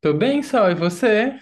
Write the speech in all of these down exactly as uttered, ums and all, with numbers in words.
Tô bem, Sol, e você?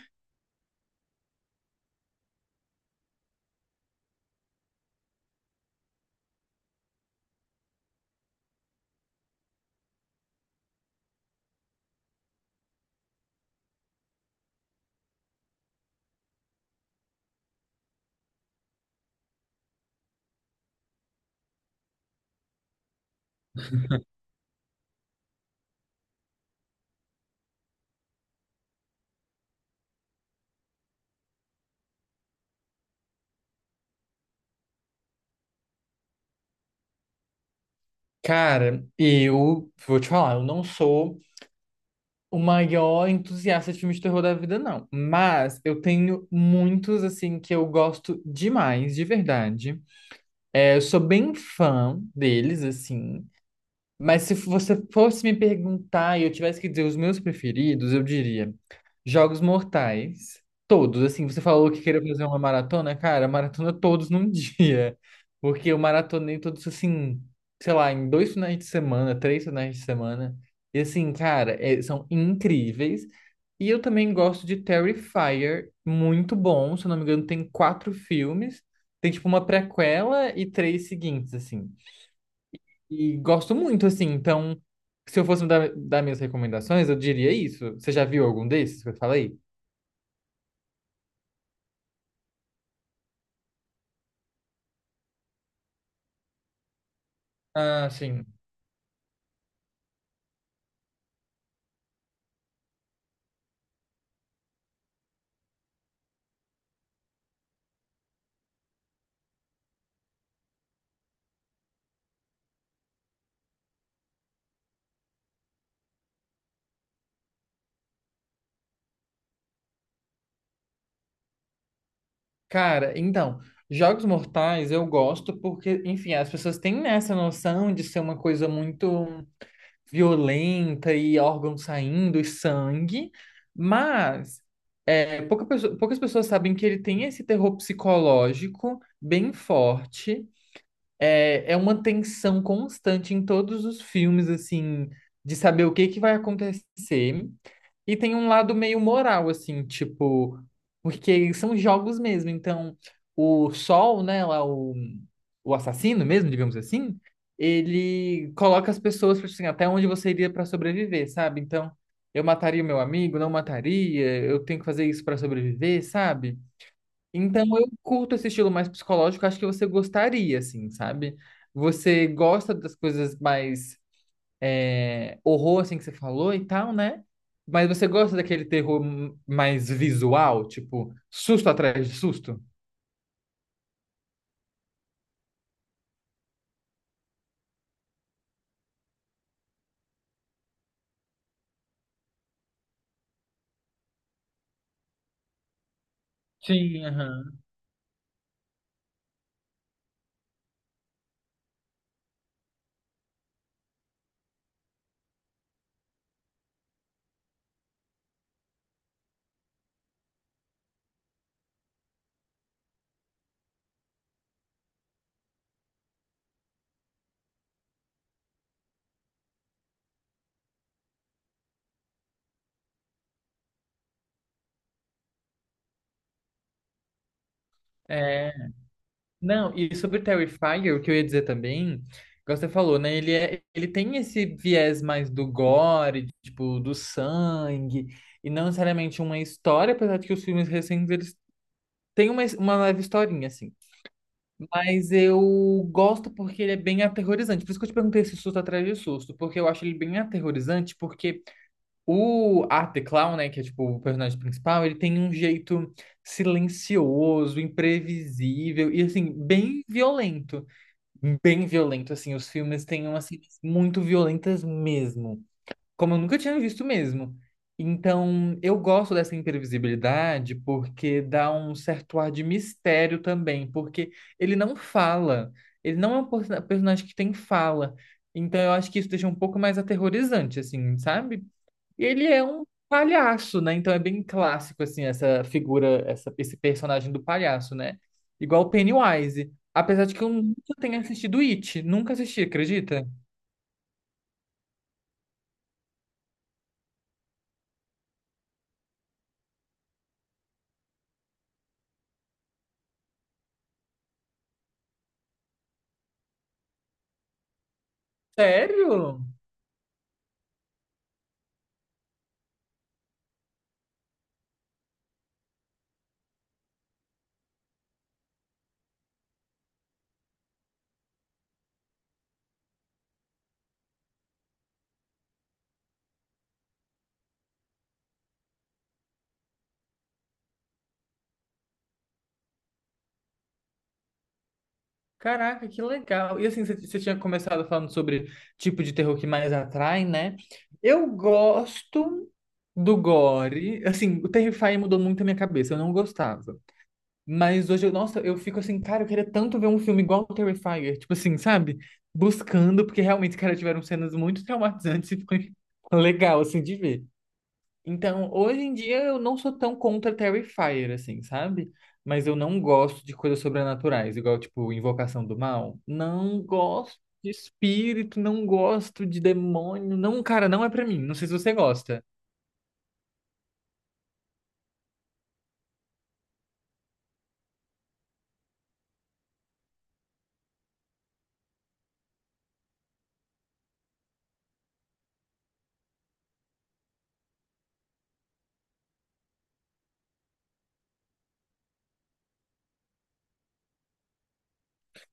Cara, eu vou te falar, eu não sou o maior entusiasta de filmes de terror da vida, não. Mas eu tenho muitos, assim, que eu gosto demais, de verdade. É, eu sou bem fã deles, assim. Mas se você fosse me perguntar e eu tivesse que dizer os meus preferidos, eu diria Jogos Mortais, todos. Assim, você falou que queria fazer uma maratona, cara, maratona todos num dia. Porque eu maratonei todos assim, sei lá, em dois finais de semana, três finais de semana. E assim, cara, é- são incríveis. E eu também gosto de Terrifier, muito bom. Se eu não me engano, tem quatro filmes. Tem tipo uma prequela e três seguintes, assim. E gosto muito, assim. Então, se eu fosse dar, dar minhas recomendações, eu diria isso. Você já viu algum desses que eu falei? Ah, sim. Cara, então, Jogos Mortais eu gosto porque, enfim, as pessoas têm, né, essa noção de ser uma coisa muito violenta e órgão saindo e sangue, mas é, pouca pessoa- poucas pessoas sabem que ele tem esse terror psicológico bem forte. É, é uma tensão constante em todos os filmes, assim, de saber o que que vai acontecer. E tem um lado meio moral, assim, tipo, porque são jogos mesmo. Então, o Sol, né, lá, o, o assassino mesmo, digamos assim, ele coloca as pessoas, tipo assim, até onde você iria para sobreviver, sabe? Então, eu mataria o meu amigo, não mataria, eu tenho que fazer isso para sobreviver, sabe? Então eu curto esse estilo mais psicológico, acho que você gostaria, assim, sabe? Você gosta das coisas mais é, horror, assim, que você falou e tal, né? Mas você gosta daquele terror m- mais visual, tipo, susto atrás de susto? Sim, aham. É, não, e sobre Terrifier, o que eu ia dizer também, igual você falou, né? Ele, é, ele tem esse viés mais do gore, tipo, do sangue, e não necessariamente uma história, apesar de que os filmes recentes eles tem uma, uma leve historinha, assim. Mas eu gosto porque ele é bem aterrorizante. Por isso que eu te perguntei se susto atrás de susto. Porque eu acho ele bem aterrorizante, porque o Art the Clown, né, que é tipo o personagem principal, ele tem um jeito silencioso, imprevisível e assim, bem violento. Bem violento, assim. Os filmes têm umas cenas muito violentas mesmo, como eu nunca tinha visto mesmo. Então, eu gosto dessa imprevisibilidade porque dá um certo ar de mistério também, porque ele não fala, ele não é um person- personagem que tem fala. Então, eu acho que isso deixa um pouco mais aterrorizante, assim, sabe? E ele é um palhaço, né? Então, é bem clássico, assim, essa figura, essa, esse personagem do palhaço, né? Igual o Pennywise. Apesar de que eu nunca tenha assistido It, nunca assisti, acredita? Sério? Caraca, que legal. E assim, você você tinha começado falando sobre tipo de terror que mais atrai, né? Eu gosto do gore. Assim, o Terrify mudou muito a minha cabeça, eu não gostava. Mas hoje, eu, nossa, eu fico assim, cara, eu queria tanto ver um filme igual o Terrifier. Tipo assim, sabe? Buscando, porque realmente, cara, tiveram cenas muito traumatizantes e foi legal, assim, de ver. Então, hoje em dia eu não sou tão contra Terrifier, assim, sabe? Mas eu não gosto de coisas sobrenaturais, igual, tipo, Invocação do Mal. Não gosto de espírito, não gosto de demônio. Não, cara, não é pra mim. Não sei se você gosta.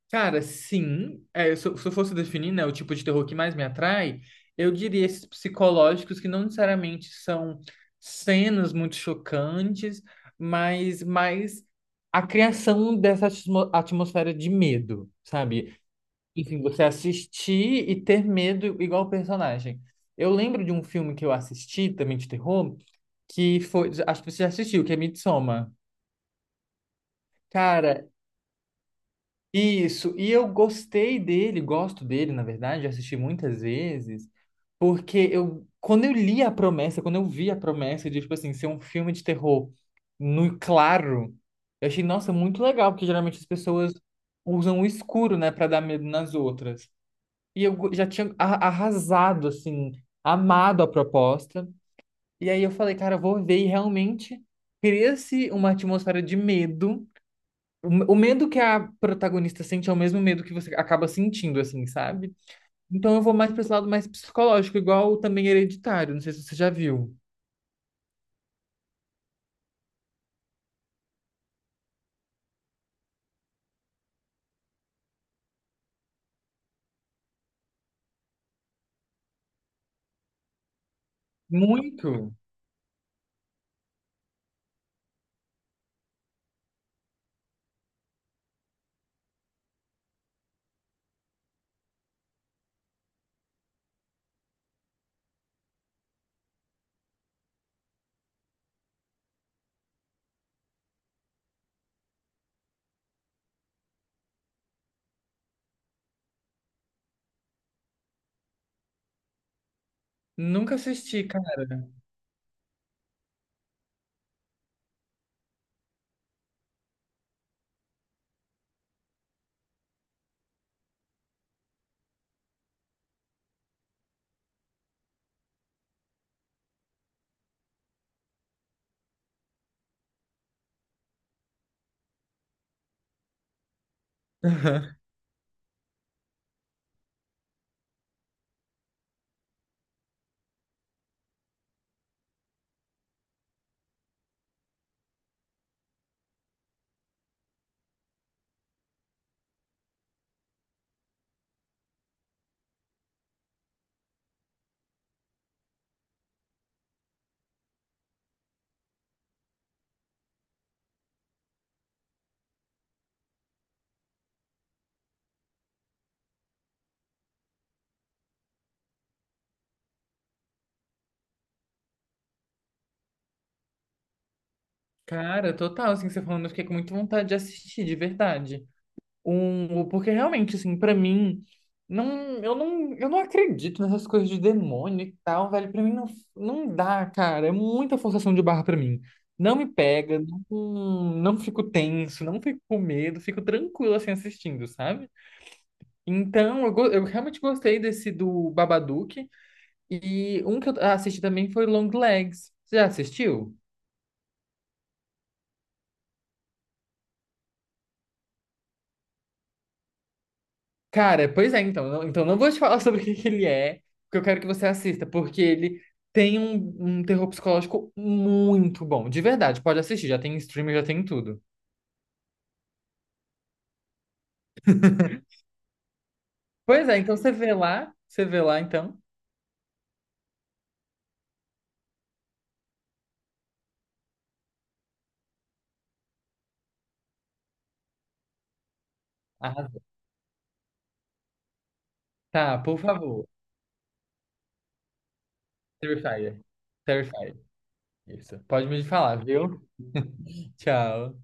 Cara, sim. É, se eu se eu fosse definir, né, o tipo de terror que mais me atrai, eu diria esses psicológicos que não necessariamente são cenas muito chocantes, mas mais a criação dessa atmo- atmosfera de medo, sabe? Enfim, você assistir e ter medo igual o personagem. Eu lembro de um filme que eu assisti, também de terror, que foi. Acho que você já assistiu, que é Midsommar. Cara, isso, e eu gostei dele, gosto dele, na verdade, já assisti muitas vezes, porque eu, quando eu li a promessa, quando eu vi a promessa de, tipo assim, ser um filme de terror no claro, eu achei, nossa, muito legal, porque geralmente as pessoas usam o escuro, né, pra dar medo nas outras. E eu go- já tinha a- arrasado, assim, amado a proposta, e aí eu falei, cara, eu vou ver, e realmente cria-se uma atmosfera de medo, o o medo que a protagonista sente é o mesmo medo que você acaba sentindo, assim, sabe? Então eu vou mais para esse lado mais psicológico, igual também Hereditário, não sei se você já viu. Muito! Nunca assisti, cara. Cara, total, assim, você falando, eu fiquei com muita vontade de assistir, de verdade. Um, porque realmente, assim, pra mim, não, eu não, eu não acredito nessas coisas de demônio e tal, velho. Pra mim não, não dá, cara. É muita forçação de barra pra mim. Não me pega, não, não fico tenso, não fico com medo, fico tranquilo assim assistindo, sabe? Então, eu, go- eu realmente gostei desse do Babadook. E um que eu assisti também foi Long Legs. Você já assistiu? Cara, pois é, então. Não, então não vou te falar sobre o que que ele é, porque eu quero que você assista, porque ele tem um, um terror psicológico muito bom. De verdade, pode assistir, já tem em streaming, já tem em tudo. Pois é, então você vê lá, você vê lá então. Arrasou. Tá, por favor. Terrifier. Terrifier. Isso. Pode me falar, viu? Tchau.